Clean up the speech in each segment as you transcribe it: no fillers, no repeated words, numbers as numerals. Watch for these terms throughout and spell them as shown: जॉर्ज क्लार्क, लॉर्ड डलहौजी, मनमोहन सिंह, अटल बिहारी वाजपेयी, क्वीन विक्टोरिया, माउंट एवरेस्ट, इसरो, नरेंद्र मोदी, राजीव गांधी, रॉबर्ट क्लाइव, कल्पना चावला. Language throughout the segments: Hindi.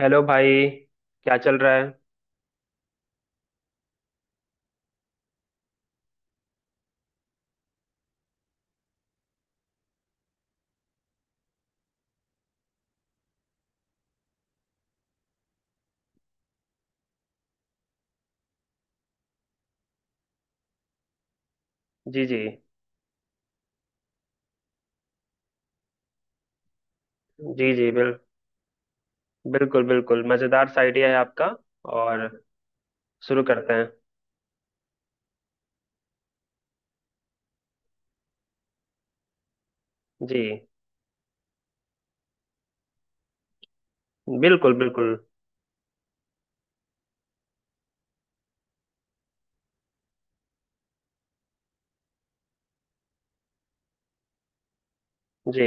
हेलो भाई। क्या चल रहा है? जी जी। जी जी बिल्कुल बिल्कुल, मज़ेदार सा आइडिया है आपका। और शुरू करते हैं। जी बिल्कुल बिल्कुल। जी,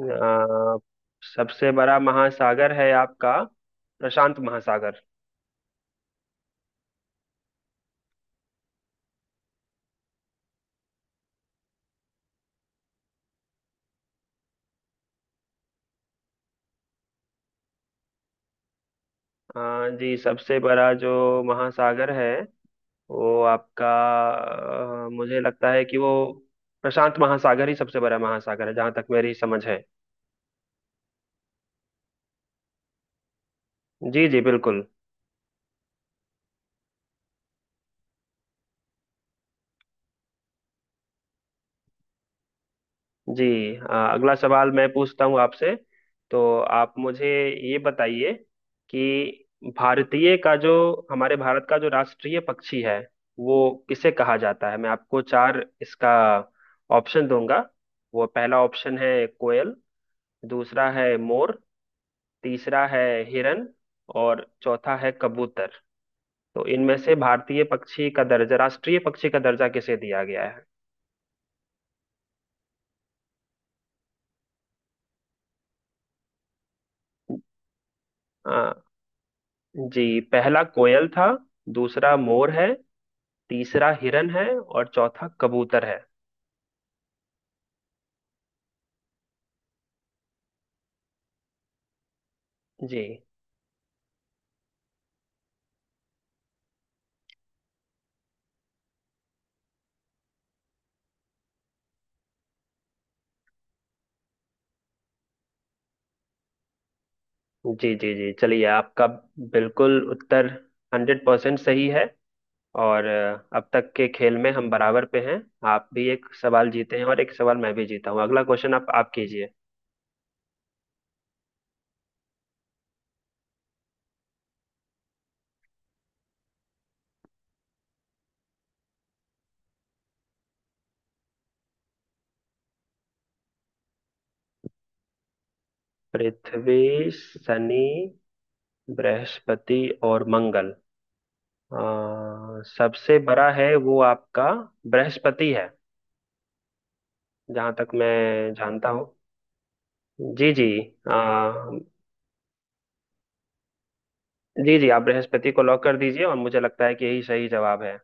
अ, सबसे बड़ा महासागर है आपका प्रशांत महासागर। जी, सबसे बड़ा जो महासागर है वो आपका मुझे लगता है कि वो प्रशांत महासागर ही सबसे बड़ा महासागर है, जहाँ तक मेरी समझ है। जी जी बिल्कुल। जी हाँ, अगला सवाल मैं पूछता हूँ आपसे। तो आप मुझे ये बताइए कि भारतीय का जो हमारे भारत का जो राष्ट्रीय पक्षी है वो किसे कहा जाता है। मैं आपको चार इसका ऑप्शन दूंगा। वो पहला ऑप्शन है कोयल, दूसरा है मोर, तीसरा है हिरन, और चौथा है कबूतर। तो इनमें से भारतीय पक्षी का दर्जा, राष्ट्रीय पक्षी का दर्जा किसे दिया गया है? जी, पहला कोयल था, दूसरा मोर है, तीसरा हिरन है, और चौथा कबूतर है। जी जी जी जी, चलिए। आपका बिल्कुल उत्तर 100% सही है। और अब तक के खेल में हम बराबर पे हैं। आप भी एक सवाल जीते हैं और एक सवाल मैं भी जीता हूँ। अगला क्वेश्चन आप कीजिए। पृथ्वी, शनि, बृहस्पति, और मंगल। सबसे बड़ा है वो आपका बृहस्पति है, जहां तक मैं जानता हूँ। जी जी। आ, जी जी, आप बृहस्पति को लॉक कर दीजिए और मुझे लगता है कि यही सही जवाब है।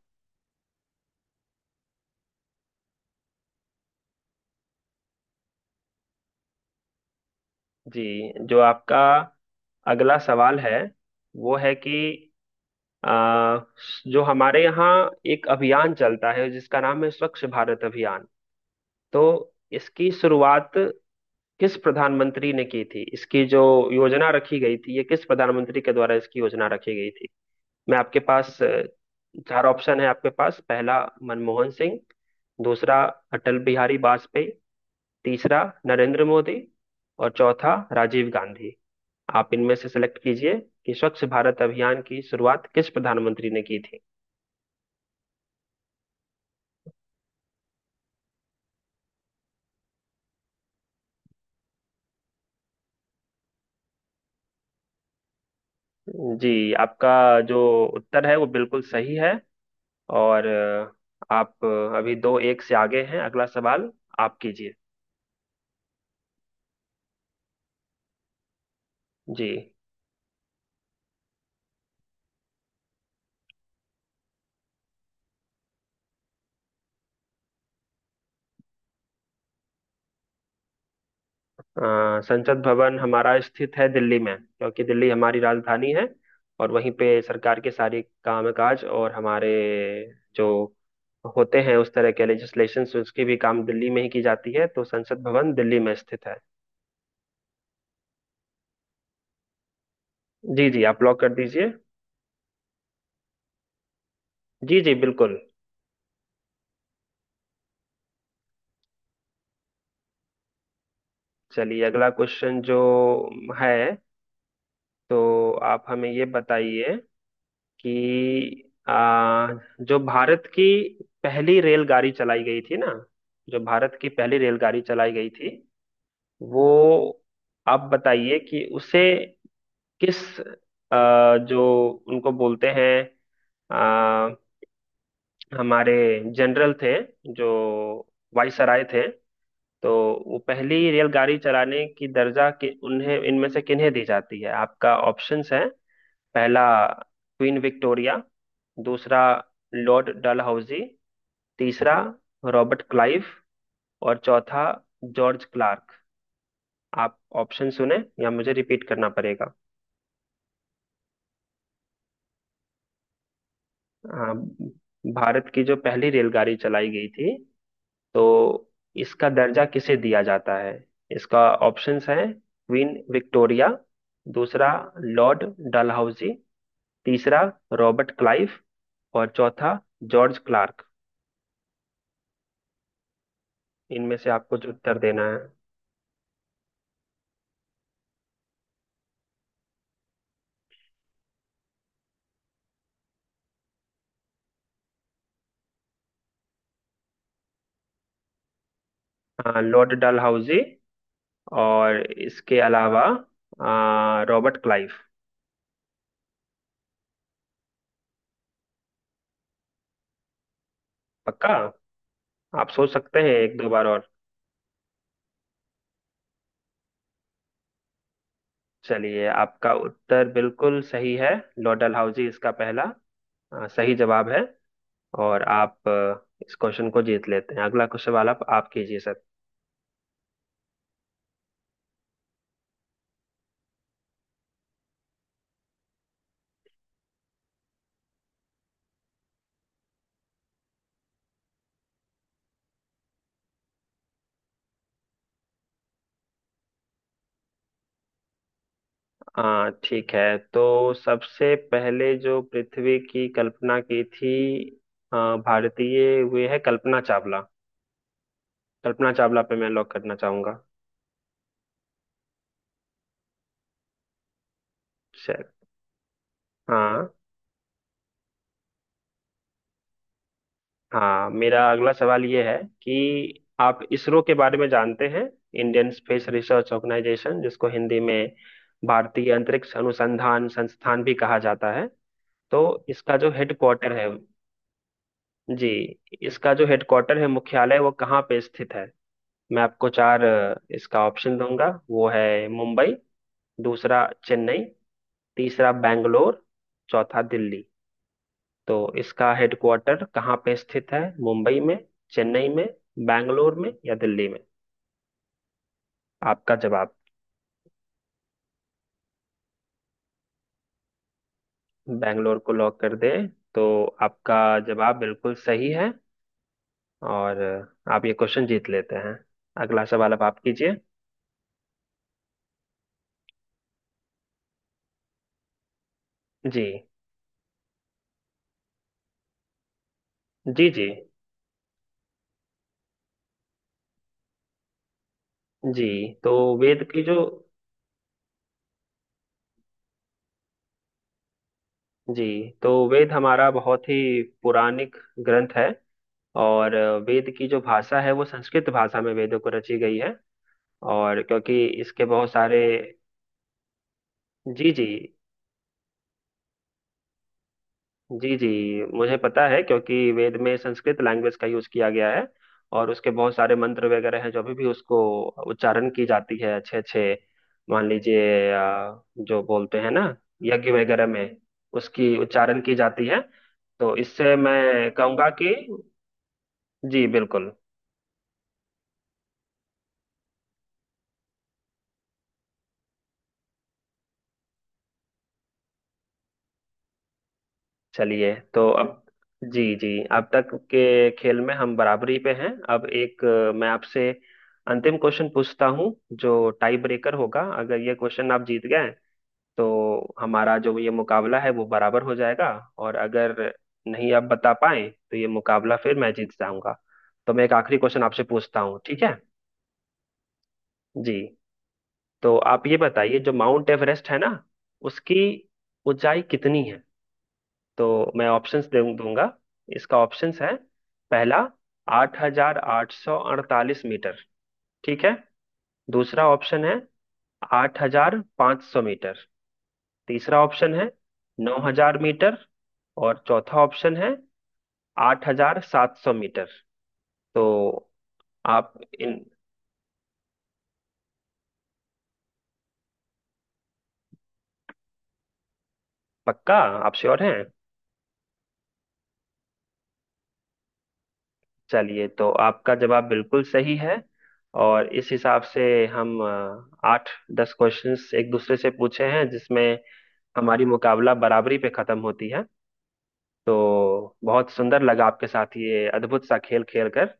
जी, जो आपका अगला सवाल है वो है कि आ, जो हमारे यहाँ एक अभियान चलता है जिसका नाम है स्वच्छ भारत अभियान। तो इसकी शुरुआत किस प्रधानमंत्री ने की थी, इसकी जो योजना रखी गई थी, ये किस प्रधानमंत्री के द्वारा इसकी योजना रखी गई थी? मैं आपके पास चार ऑप्शन है आपके पास। पहला मनमोहन सिंह, दूसरा अटल बिहारी वाजपेयी, तीसरा नरेंद्र मोदी, और चौथा राजीव गांधी। आप इनमें से सिलेक्ट कीजिए कि स्वच्छ भारत अभियान की शुरुआत किस प्रधानमंत्री ने की थी। जी, आपका जो उत्तर है वो बिल्कुल सही है। और आप अभी 2-1 से आगे हैं। अगला सवाल आप कीजिए। जी, संसद भवन हमारा स्थित है दिल्ली में, क्योंकि दिल्ली हमारी राजधानी है। और वहीं पे सरकार के सारे कामकाज और हमारे जो होते हैं उस तरह के लेजिस्लेशन उसकी भी काम दिल्ली में ही की जाती है। तो संसद भवन दिल्ली में स्थित है। जी जी, आप लॉक कर दीजिए। जी जी बिल्कुल। चलिए, अगला क्वेश्चन जो है, तो आप हमें ये बताइए कि जो भारत की पहली रेलगाड़ी चलाई गई थी ना, जो भारत की पहली रेलगाड़ी चलाई गई थी वो आप बताइए कि उसे किस जो उनको बोलते हैं आ, हमारे जनरल थे जो वायसराय थे, तो वो पहली रेलगाड़ी चलाने की दर्जा कि उन्हें इनमें से किन्हें दी जाती है। आपका ऑप्शंस है पहला क्वीन विक्टोरिया, दूसरा लॉर्ड डलहौजी, तीसरा रॉबर्ट क्लाइव, और चौथा जॉर्ज क्लार्क। आप ऑप्शन सुने या मुझे रिपीट करना पड़ेगा? हाँ, भारत की जो पहली रेलगाड़ी चलाई गई थी, तो इसका दर्जा किसे दिया जाता है? इसका ऑप्शंस हैं क्वीन विक्टोरिया, दूसरा लॉर्ड डलहौजी, तीसरा रॉबर्ट क्लाइव, और चौथा जॉर्ज क्लार्क। इनमें से आपको जो उत्तर देना है। हाँ लॉर्ड डलहौजी और इसके अलावा रॉबर्ट क्लाइव। पक्का? आप सोच सकते हैं एक दो बार और। चलिए आपका उत्तर बिल्कुल सही है, लॉर्ड डलहौजी इसका पहला सही जवाब है। और आप इस क्वेश्चन को जीत लेते हैं। अगला क्वेश्चन वाला आप कीजिए सर। हाँ ठीक है, तो सबसे पहले जो पृथ्वी की कल्पना की थी भारतीय वे है कल्पना चावला। कल्पना चावला पे मैं लॉक करना चाहूंगा। चल। हाँ हाँ, मेरा अगला सवाल ये है कि आप इसरो के बारे में जानते हैं? इंडियन स्पेस रिसर्च ऑर्गेनाइजेशन, जिसको हिंदी में भारतीय अंतरिक्ष अनुसंधान संस्थान भी कहा जाता है। तो इसका जो हेडक्वार्टर है, जी, इसका जो हेडक्वार्टर है, मुख्यालय, वो कहाँ पे स्थित है? मैं आपको चार इसका ऑप्शन दूंगा। वो है मुंबई, दूसरा चेन्नई, तीसरा बैंगलोर, चौथा दिल्ली। तो इसका हेडक्वार्टर कहाँ पे स्थित है, मुंबई में, चेन्नई में, बैंगलोर में, या दिल्ली में? आपका जवाब। बैंगलोर को लॉक कर दें? तो आपका जवाब बिल्कुल सही है और आप ये क्वेश्चन जीत लेते हैं। अगला सवाल अब आप कीजिए। जी जी। जी जी। तो वेद की जो जी, तो वेद हमारा बहुत ही पौराणिक ग्रंथ है। और वेद की जो भाषा है वो संस्कृत भाषा में, वेदों को रची गई है। और क्योंकि इसके बहुत सारे। जी जी जी जी, मुझे पता है क्योंकि वेद में संस्कृत लैंग्वेज का यूज किया गया है। और उसके बहुत सारे मंत्र वगैरह हैं जो अभी भी उसको उच्चारण की जाती है। अच्छे अच्छे, मान लीजिए जो बोलते हैं ना यज्ञ वगैरह में, उसकी उच्चारण की जाती है। तो इससे मैं कहूंगा कि। जी बिल्कुल। चलिए तो ठीक है, अब जी जी, अब तक के खेल में हम बराबरी पे हैं। अब एक मैं आपसे अंतिम क्वेश्चन पूछता हूँ, जो टाई ब्रेकर होगा। अगर ये क्वेश्चन आप जीत गए तो हमारा जो ये मुकाबला है वो बराबर हो जाएगा। और अगर नहीं आप बता पाए तो ये मुकाबला फिर मैं जीत जाऊंगा। तो मैं एक आखिरी क्वेश्चन आपसे पूछता हूँ, ठीक है? जी, तो आप ये बताइए जो माउंट एवरेस्ट है ना, उसकी ऊंचाई कितनी है? तो मैं ऑप्शंस दे दूंगा। इसका ऑप्शंस है पहला 8,848 मीटर, ठीक है। दूसरा ऑप्शन है 8,500 मीटर। तीसरा ऑप्शन है 9,000 मीटर। और चौथा ऑप्शन है 8,700 मीटर। तो आप इन। पक्का? आप श्योर हैं? चलिए तो आपका जवाब बिल्कुल सही है। और इस हिसाब से हम आठ दस क्वेश्चंस एक दूसरे से पूछे हैं, जिसमें हमारी मुकाबला बराबरी पे खत्म होती है। तो बहुत सुंदर लगा आपके साथ ये अद्भुत सा खेल खेल कर।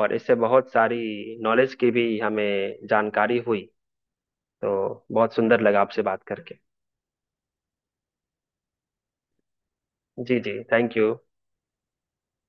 और इससे बहुत सारी नॉलेज की भी हमें जानकारी हुई। तो बहुत सुंदर लगा आपसे बात करके। जी जी, थैंक यू।